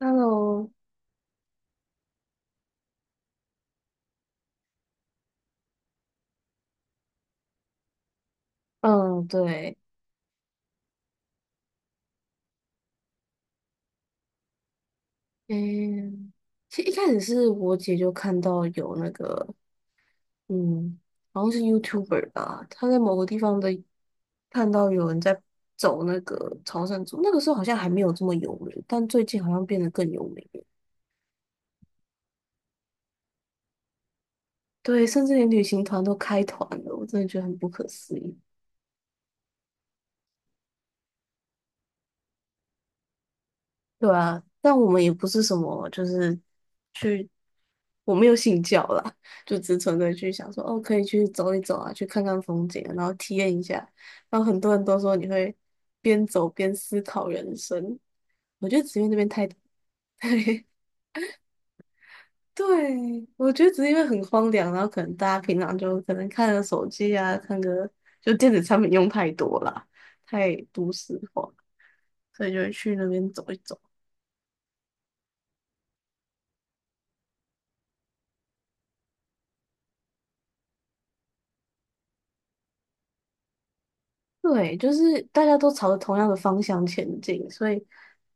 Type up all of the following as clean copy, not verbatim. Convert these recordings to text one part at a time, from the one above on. Hello，嗯，对，嗯，其实一开始是我姐就看到有那个，嗯，好像是 YouTuber 吧，她在某个地方的看到有人在走那个朝圣之路，那个时候好像还没有这么有名，但最近好像变得更有名了。对，甚至连旅行团都开团了，我真的觉得很不可思议。对啊，但我们也不是什么，就是去，我没有信教啦，就只纯粹去想说，哦，可以去走一走啊，去看看风景啊然后体验一下。然后很多人都说你会边走边思考人生，我觉得只因为那边太，对，我觉得只是因为很荒凉，然后可能大家平常就可能看个手机啊，看个就电子产品用太多啦，太都市化，所以就会去那边走一走。对，就是大家都朝着同样的方向前进，所以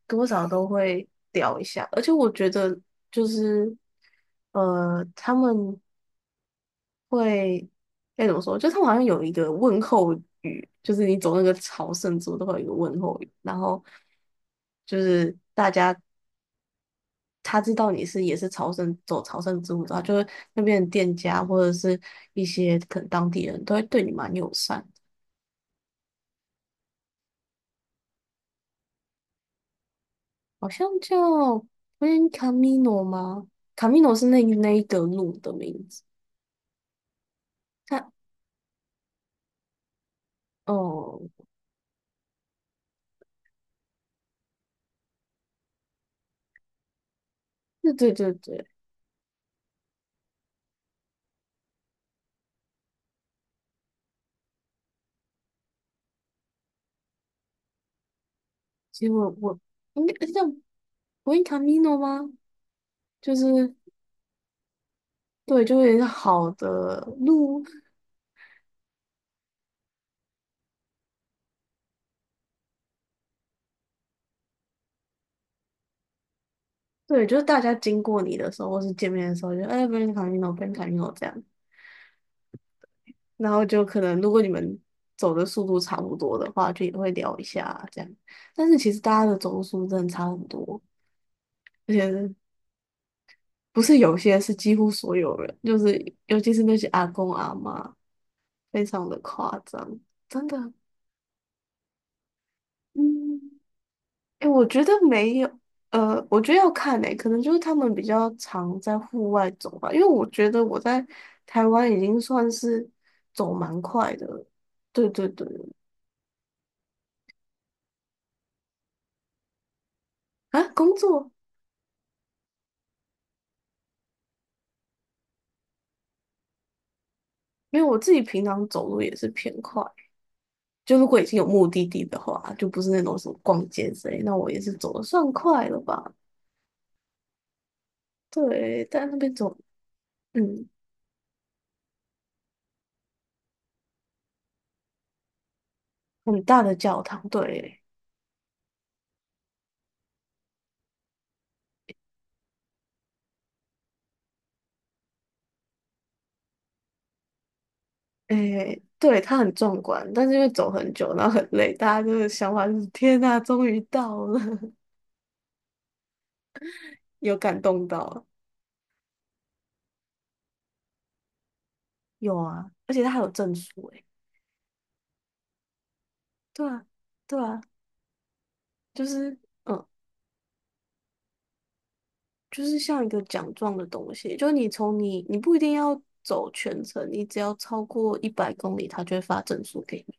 多少都会掉一下。而且我觉得，就是他们会该怎么说？就他们好像有一个问候语，就是你走那个朝圣之路都会有一个问候语，然后就是大家他知道你是也是朝圣走朝圣之路的话，就是那边的店家或者是一些可能当地人都会对你蛮友善。好像叫 Gran Camino 吗？Camino 是那一个路的名字。它哦，对对对对，其实我应该叫 g r 卡 n Camino 吗？就是对，就是好的路，对，就是大家经过你的时候，或是见面的时候，就哎 g r 卡 n c a m i n o n Camino 这样，然后就可能如果你们走的速度差不多的话，就也会聊一下这样。但是其实大家的走路速度真的差很多。而且不是有些是几乎所有人，就是尤其是那些阿公阿嬷，非常的夸张，真的。嗯，哎，我觉得没有，我觉得要看诶，可能就是他们比较常在户外走吧，因为我觉得我在台湾已经算是走蛮快的了。对对对，啊，工作因为我自己平常走路也是偏快，就如果已经有目的地的话，就不是那种什么逛街之类，那我也是走的算快了吧。对，在那边走嗯，很大的教堂，对，诶，对，它很壮观，但是因为走很久，然后很累，大家就是想法就是天呐，终于到了，有感动到了，有啊，而且它还有证书，诶，对啊，对啊，就是嗯，就是像一个奖状的东西，就是你从你你不一定要走全程，你只要超过一百公里，它就会发证书给你。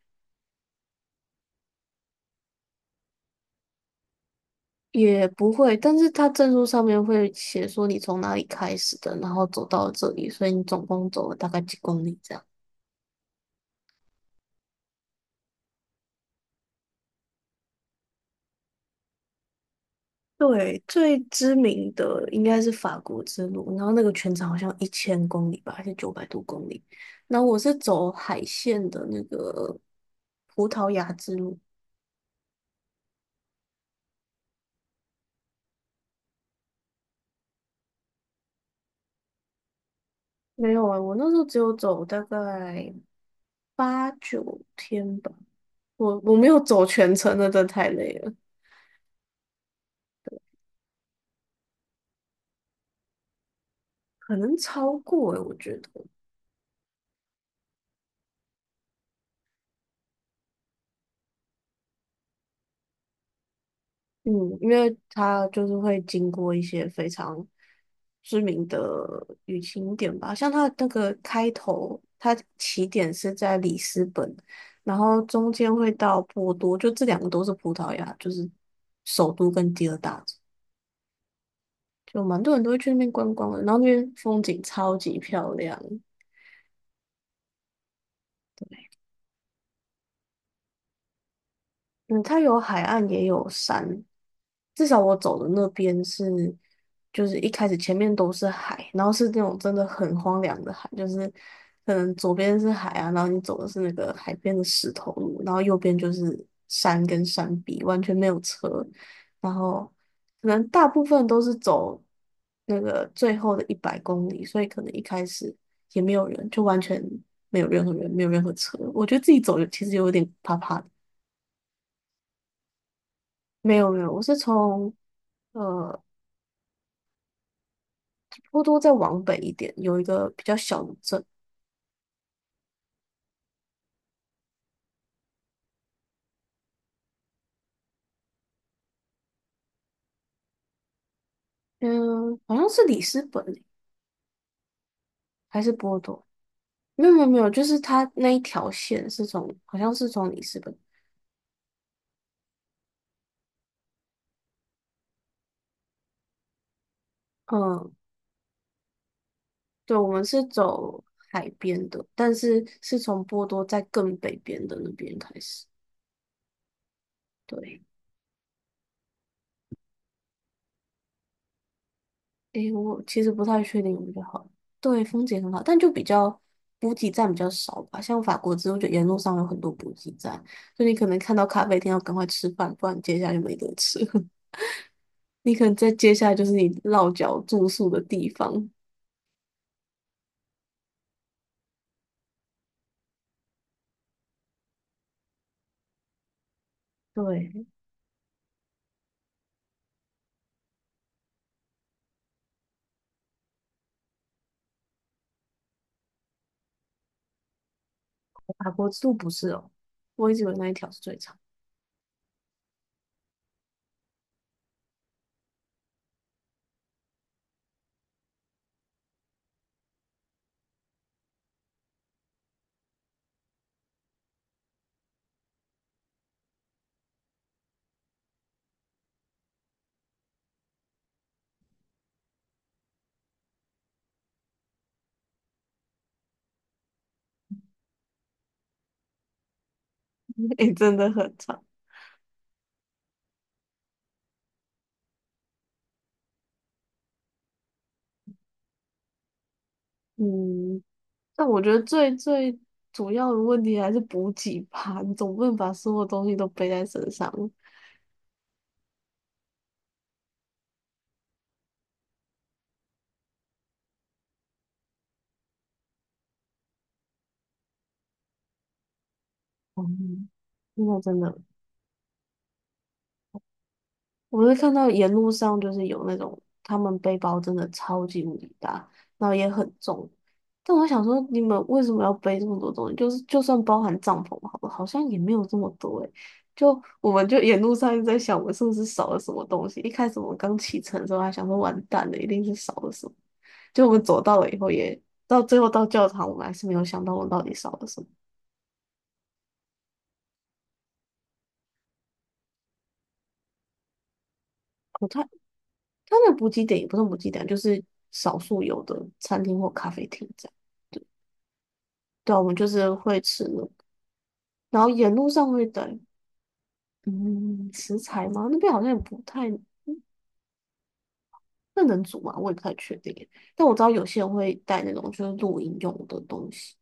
也不会，但是他证书上面会写说你从哪里开始的，然后走到这里，所以你总共走了大概几公里这样。对，最知名的应该是法国之路，然后那个全长好像1000公里吧，还是900多公里。然后我是走海线的那个葡萄牙之路，没有啊，我那时候只有走大概八九天吧，我没有走全程，那真的太累了，可能超过诶、我觉得。嗯，因为它就是会经过一些非常知名的旅行点吧，像它那个开头，它起点是在里斯本，然后中间会到波多，就这两个都是葡萄牙，就是首都跟第二大城，就蛮多人都会去那边观光的，然后那边风景超级漂亮。嗯，它有海岸也有山，至少我走的那边是，就是一开始前面都是海，然后是那种真的很荒凉的海，就是可能左边是海啊，然后你走的是那个海边的石头路，然后右边就是山跟山壁，完全没有车，然后可能大部分都是走那个最后的一百公里，所以可能一开始也没有人，就完全没有任何人，没有任何车，我觉得自己走有其实有点怕怕的。没有没有，我是从呃波多再往北一点，有一个比较小的镇，嗯，好像是里斯本欸还是波多？没有没有没有，就是它那一条线是从，好像是从里斯本，嗯，对，我们是走海边的，但是是从波多在更北边的那边开始，对。诶，我其实不太确定比较好。对，风景很好，但就比较补给站比较少吧。像法国之后，就沿路上有很多补给站，就你可能看到咖啡店要赶快吃饭，不然接下来就没得吃。你可能在接下来就是你落脚住宿的地方。对，法国之路不是哦，我一直以为那一条是最长，诶，真的很长。嗯，但我觉得最最主要的问题还是补给吧，你总不能把所有东西都背在身上。嗯，那真的。我会看到沿路上就是有那种他们背包真的超级无敌大，然后也很重。但我想说，你们为什么要背这么多东西？就是就算包含帐篷好了，好像也没有这么多诶、就我们就沿路上一直在想，我们是不是少了什么东西？一开始我们刚启程的时候还想说完蛋了，一定是少了什么。就我们走到了以后也，到最后到教堂，我们还是没有想到我们到底少了什么。它它的补给点也不是补给点，就是少数有的餐厅或咖啡厅这样。对啊，我们就是会吃那然后沿路上会带，嗯，食材吗？那边好像也不太，那能煮吗？我也不太确定耶但我知道有些人会带那种就是露营用的东西。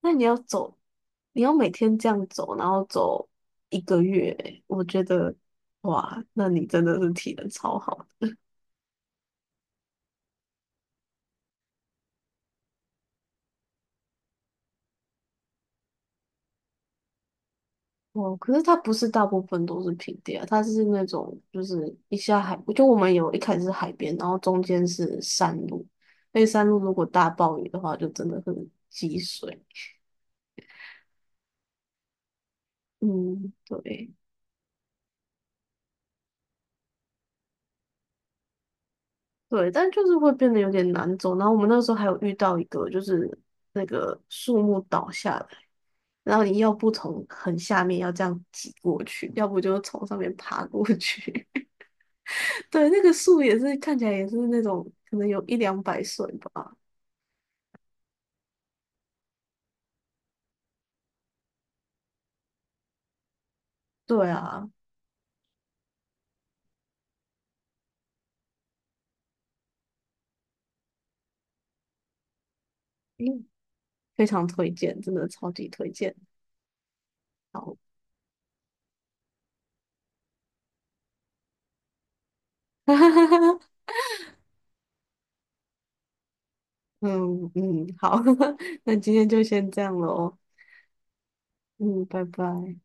那你要走，你要每天这样走，然后走一个月耶，我觉得，哇，那你真的是体能超好。哦，可是它不是大部分都是平地啊，它是那种就是一下海，就我们有一开始是海边，然后中间是山路，那山路如果大暴雨的话，就真的很积水。嗯，对对，但就是会变得有点难走。然后我们那时候还有遇到一个，就是那个树木倒下来，然后你要不从很下面要这样挤过去，要不就从上面爬过去。对，那个树也是看起来也是那种可能有一两百岁吧。对啊，嗯非常推荐，真的超级推荐。好，嗯嗯，好，那今天就先这样了哦。嗯，拜拜。